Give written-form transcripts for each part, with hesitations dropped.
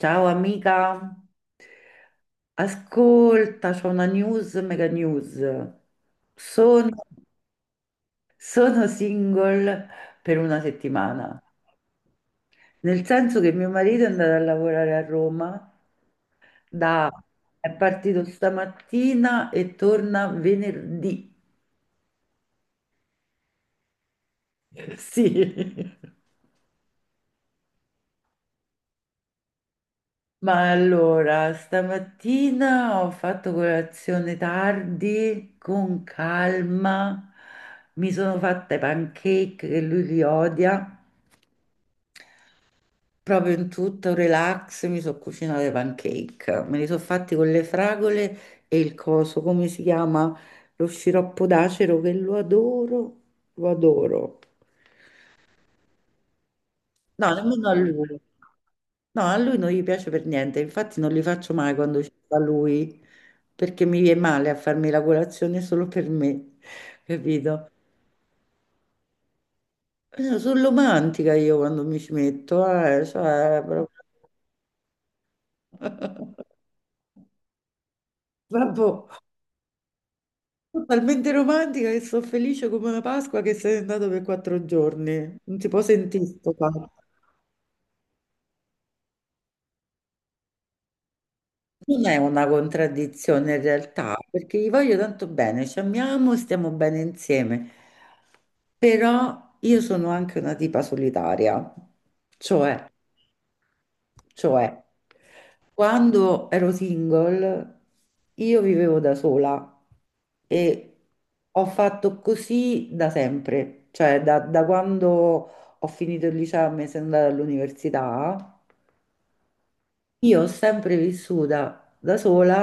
Ciao amica, ascolta, c'ho una news, mega news. Sono, sono single per una settimana, nel senso che mio marito è andato a lavorare a Roma, da- è partito stamattina e torna venerdì. Sì. Ma allora, stamattina ho fatto colazione tardi, con calma, mi sono fatta i pancake che lui li odia, proprio in tutto relax, mi sono cucinato i pancake, me li sono fatti con le fragole e il coso, come si chiama? Lo sciroppo d'acero che lo adoro, lo adoro. No, nemmeno a lui. No, a lui non gli piace per niente, infatti non li faccio mai quando ci va lui, perché mi viene male a farmi la colazione solo per me, capito? Sono romantica io quando mi ci metto, cioè, proprio... Vabbè, sono talmente romantica che sono felice come una Pasqua che sei andato per 4 giorni, non si può sentire sto qua. Non è una contraddizione in realtà, perché gli voglio tanto bene, ci amiamo, stiamo bene insieme, però io sono anche una tipa solitaria, cioè, cioè, quando ero single io vivevo da sola e ho fatto così da sempre, cioè da quando ho finito il liceo e mi sono andata all'università, io ho sempre vissuta da sola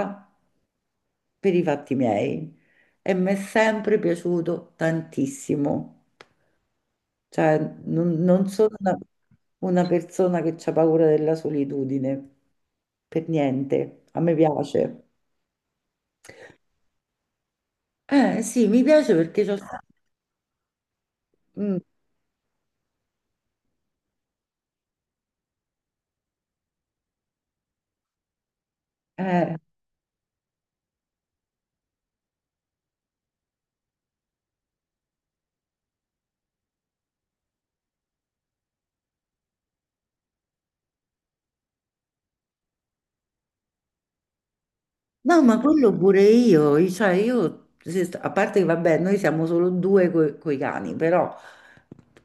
per i fatti miei e mi è sempre piaciuto tantissimo. Cioè, non sono una persona che ha paura della solitudine, per niente. A me piace. Eh sì, mi piace perché c'ho... Mm, eh. No, ma quello pure io, cioè io, se st- a parte che vabbè, noi siamo solo due coi cani, però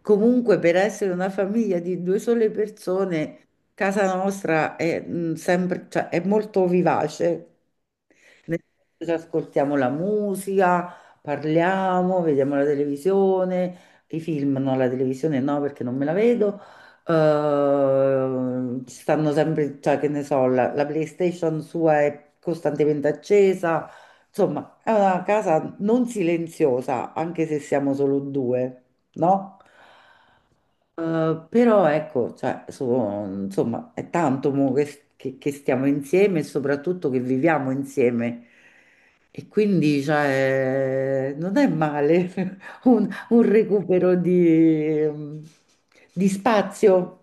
comunque per essere una famiglia di due sole persone, casa nostra è, mm, sempre, cioè, è molto vivace. Nel senso che ascoltiamo la musica, parliamo, vediamo la televisione, i film, no, la televisione no perché non me la vedo. Ci stanno sempre, cioè che ne so, la PlayStation sua è costantemente accesa. Insomma, è una casa non silenziosa, anche se siamo solo due, no? Però ecco, cioè, insomma, è tanto mo che, che stiamo insieme e soprattutto che viviamo insieme. E quindi, cioè, non è male un recupero di spazio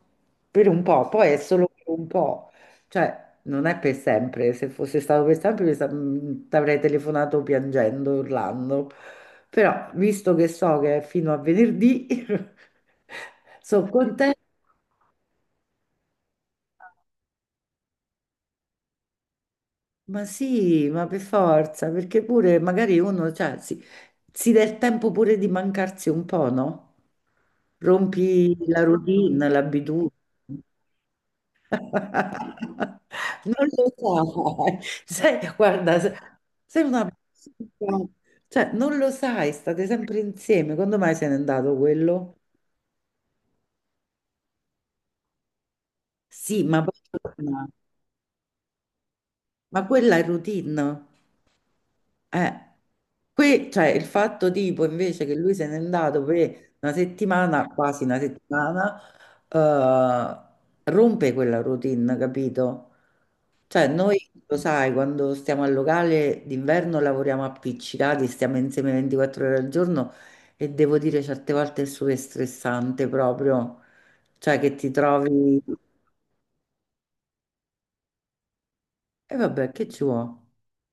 per un po', poi è solo per un po', cioè, non è per sempre. Se fosse stato per sempre, ti avrei telefonato piangendo, urlando. Però, visto che so che è fino a venerdì, sono contenta. Ma sì, ma per forza, perché pure magari uno, cioè, si dà il tempo pure di mancarsi un po', no? Rompi la routine, l'abitudine. Non lo sai. Sai, guarda, sei una... persona... Cioè, non lo sai, state sempre insieme. Quando mai se n'è andato quello? Sì, ma... poi... Ma quella è routine. Eh. Qui cioè, il fatto tipo invece che lui se n'è andato per una settimana, quasi una settimana, rompe quella routine, capito? Cioè noi, lo sai, quando stiamo al locale d'inverno lavoriamo appiccicati, stiamo insieme 24 ore al giorno e devo dire certe volte è super stressante proprio, cioè che ti trovi... E vabbè, che ci vuole?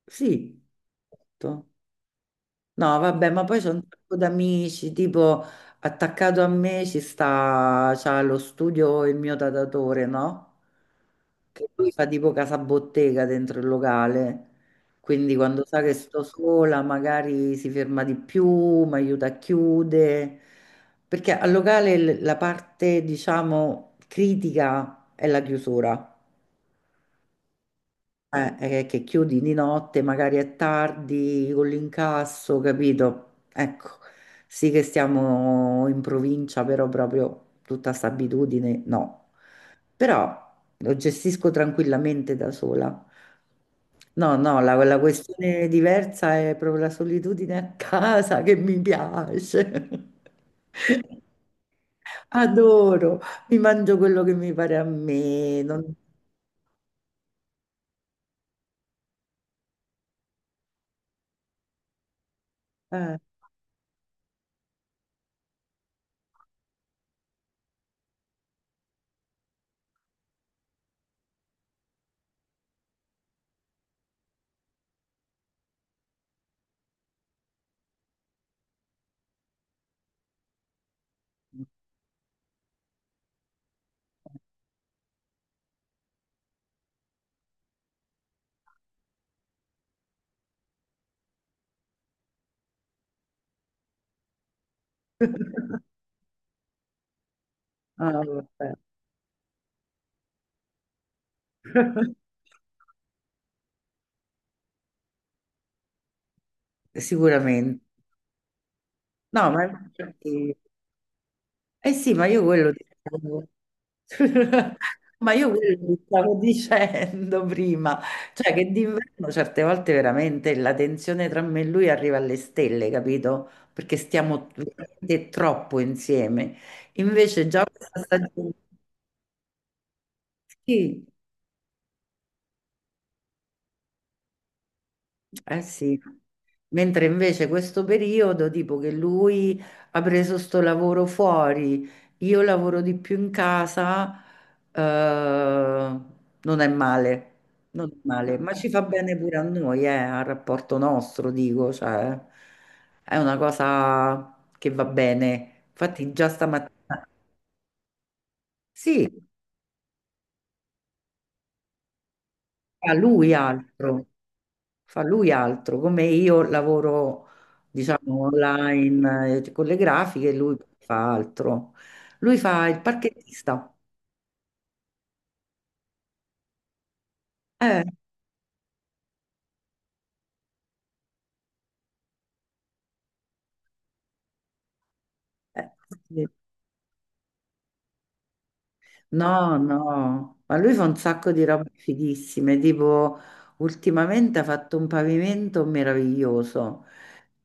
Sì. Tutto. No, vabbè, ma poi c'è un sacco d'amici, tipo attaccato a me ci sta, c'ha lo studio il mio datatore, no? Che lui fa tipo casa bottega dentro il locale, quindi quando sa che sto sola magari si ferma di più, mi aiuta a chiudere, perché al locale la parte, diciamo, critica è la chiusura. Che chiudi di notte, magari è tardi con l'incasso, capito? Ecco, sì che stiamo in provincia, però proprio tutta sta abitudine, no. Però lo gestisco tranquillamente da sola. No, no, la questione diversa è proprio la solitudine a casa che mi piace. Adoro, mi mangio quello che mi pare a me. Eh, ah, vabbè. Sicuramente. No, ma infatti... eh sì, ma io quello dicevo. Ma io quello ti stavo dicendo prima, cioè che d'inverno certe volte veramente la tensione tra me e lui arriva alle stelle, capito? Perché stiamo veramente troppo insieme. Invece già questa stagione, sì, eh sì, mentre invece questo periodo, tipo che lui ha preso sto lavoro fuori, io lavoro di più in casa, eh, non è male, non è male, ma ci fa bene pure a noi, al rapporto nostro, dico, cioè, è una cosa che va bene. Infatti già stamattina, sì, a lui altro. Fa lui altro, come io lavoro, diciamo, online con le grafiche, lui fa altro. Lui fa il parchettista. Eh, eh, sì. No, no, ma lui fa un sacco di robe fighissime, tipo ultimamente ha fatto un pavimento meraviglioso.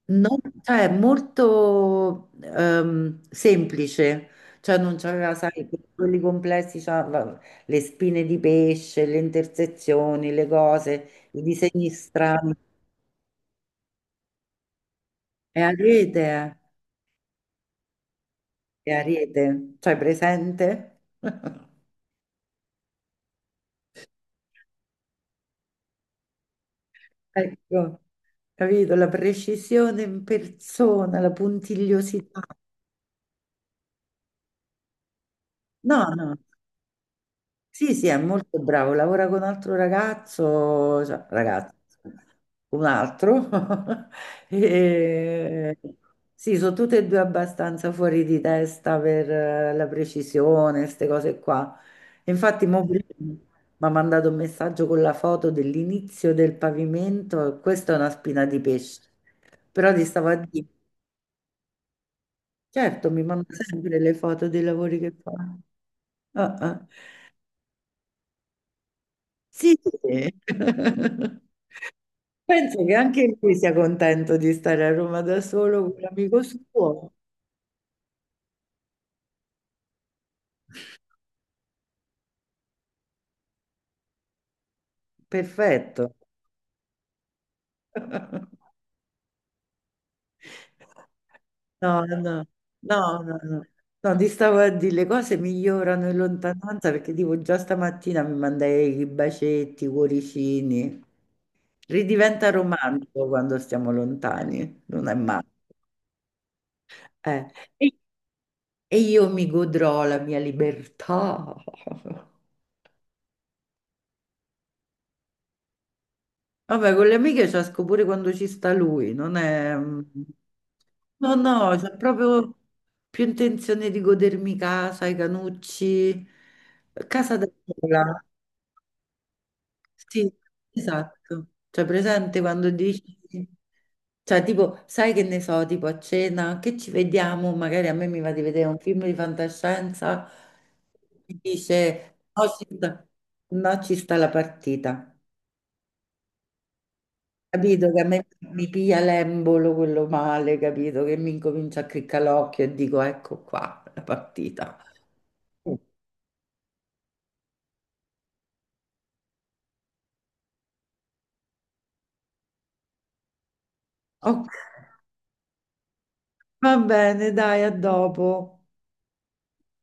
No, cioè molto semplice, cioè non c'aveva, sai, quelli complessi, c'aveva le spine di pesce, le intersezioni, le cose, i disegni strani. È a rete, è a rete, cioè presente? Ecco, capito? La precisione in persona, la puntigliosità. No, no. Sì, sì, è molto bravo, lavora con un altro ragazzo, cioè, ragazzo, un altro. E... Sì, sono tutte e due abbastanza fuori di testa per la precisione, queste cose qua. E infatti, mo prima mi ha mandato un messaggio con la foto dell'inizio del pavimento, questa è una spina di pesce. Però ti stavo a dire, certo, mi manda sempre le foto dei lavori che fa. Ah, ah. Sì, sì. Penso che anche lui sia contento di stare a Roma da solo con l'amico suo. Perfetto. No, no, no, no, no. No, ti stavo a dire, le cose migliorano in lontananza perché tipo già stamattina mi mandai i bacetti, i cuoricini. Ridiventa romantico quando stiamo lontani, non è male. Eh, E e io mi godrò la mia libertà. Vabbè, con le amiche ci esco pure quando ci sta lui, non è... mm, no, no, c'è proprio più intenzione di godermi casa, i canucci, casa da sola. Sì, esatto. Cioè, presente quando dici... Cioè, tipo, sai che ne so, tipo a cena, che ci vediamo, magari a me mi va di vedere un film di fantascienza, mi dice, "Oh, no, ci sta la partita." Capito che a me mi piglia l'embolo quello male, capito che mi incomincia a criccare l'occhio e dico ecco qua la partita. Mm. Ok, va bene, dai, a dopo.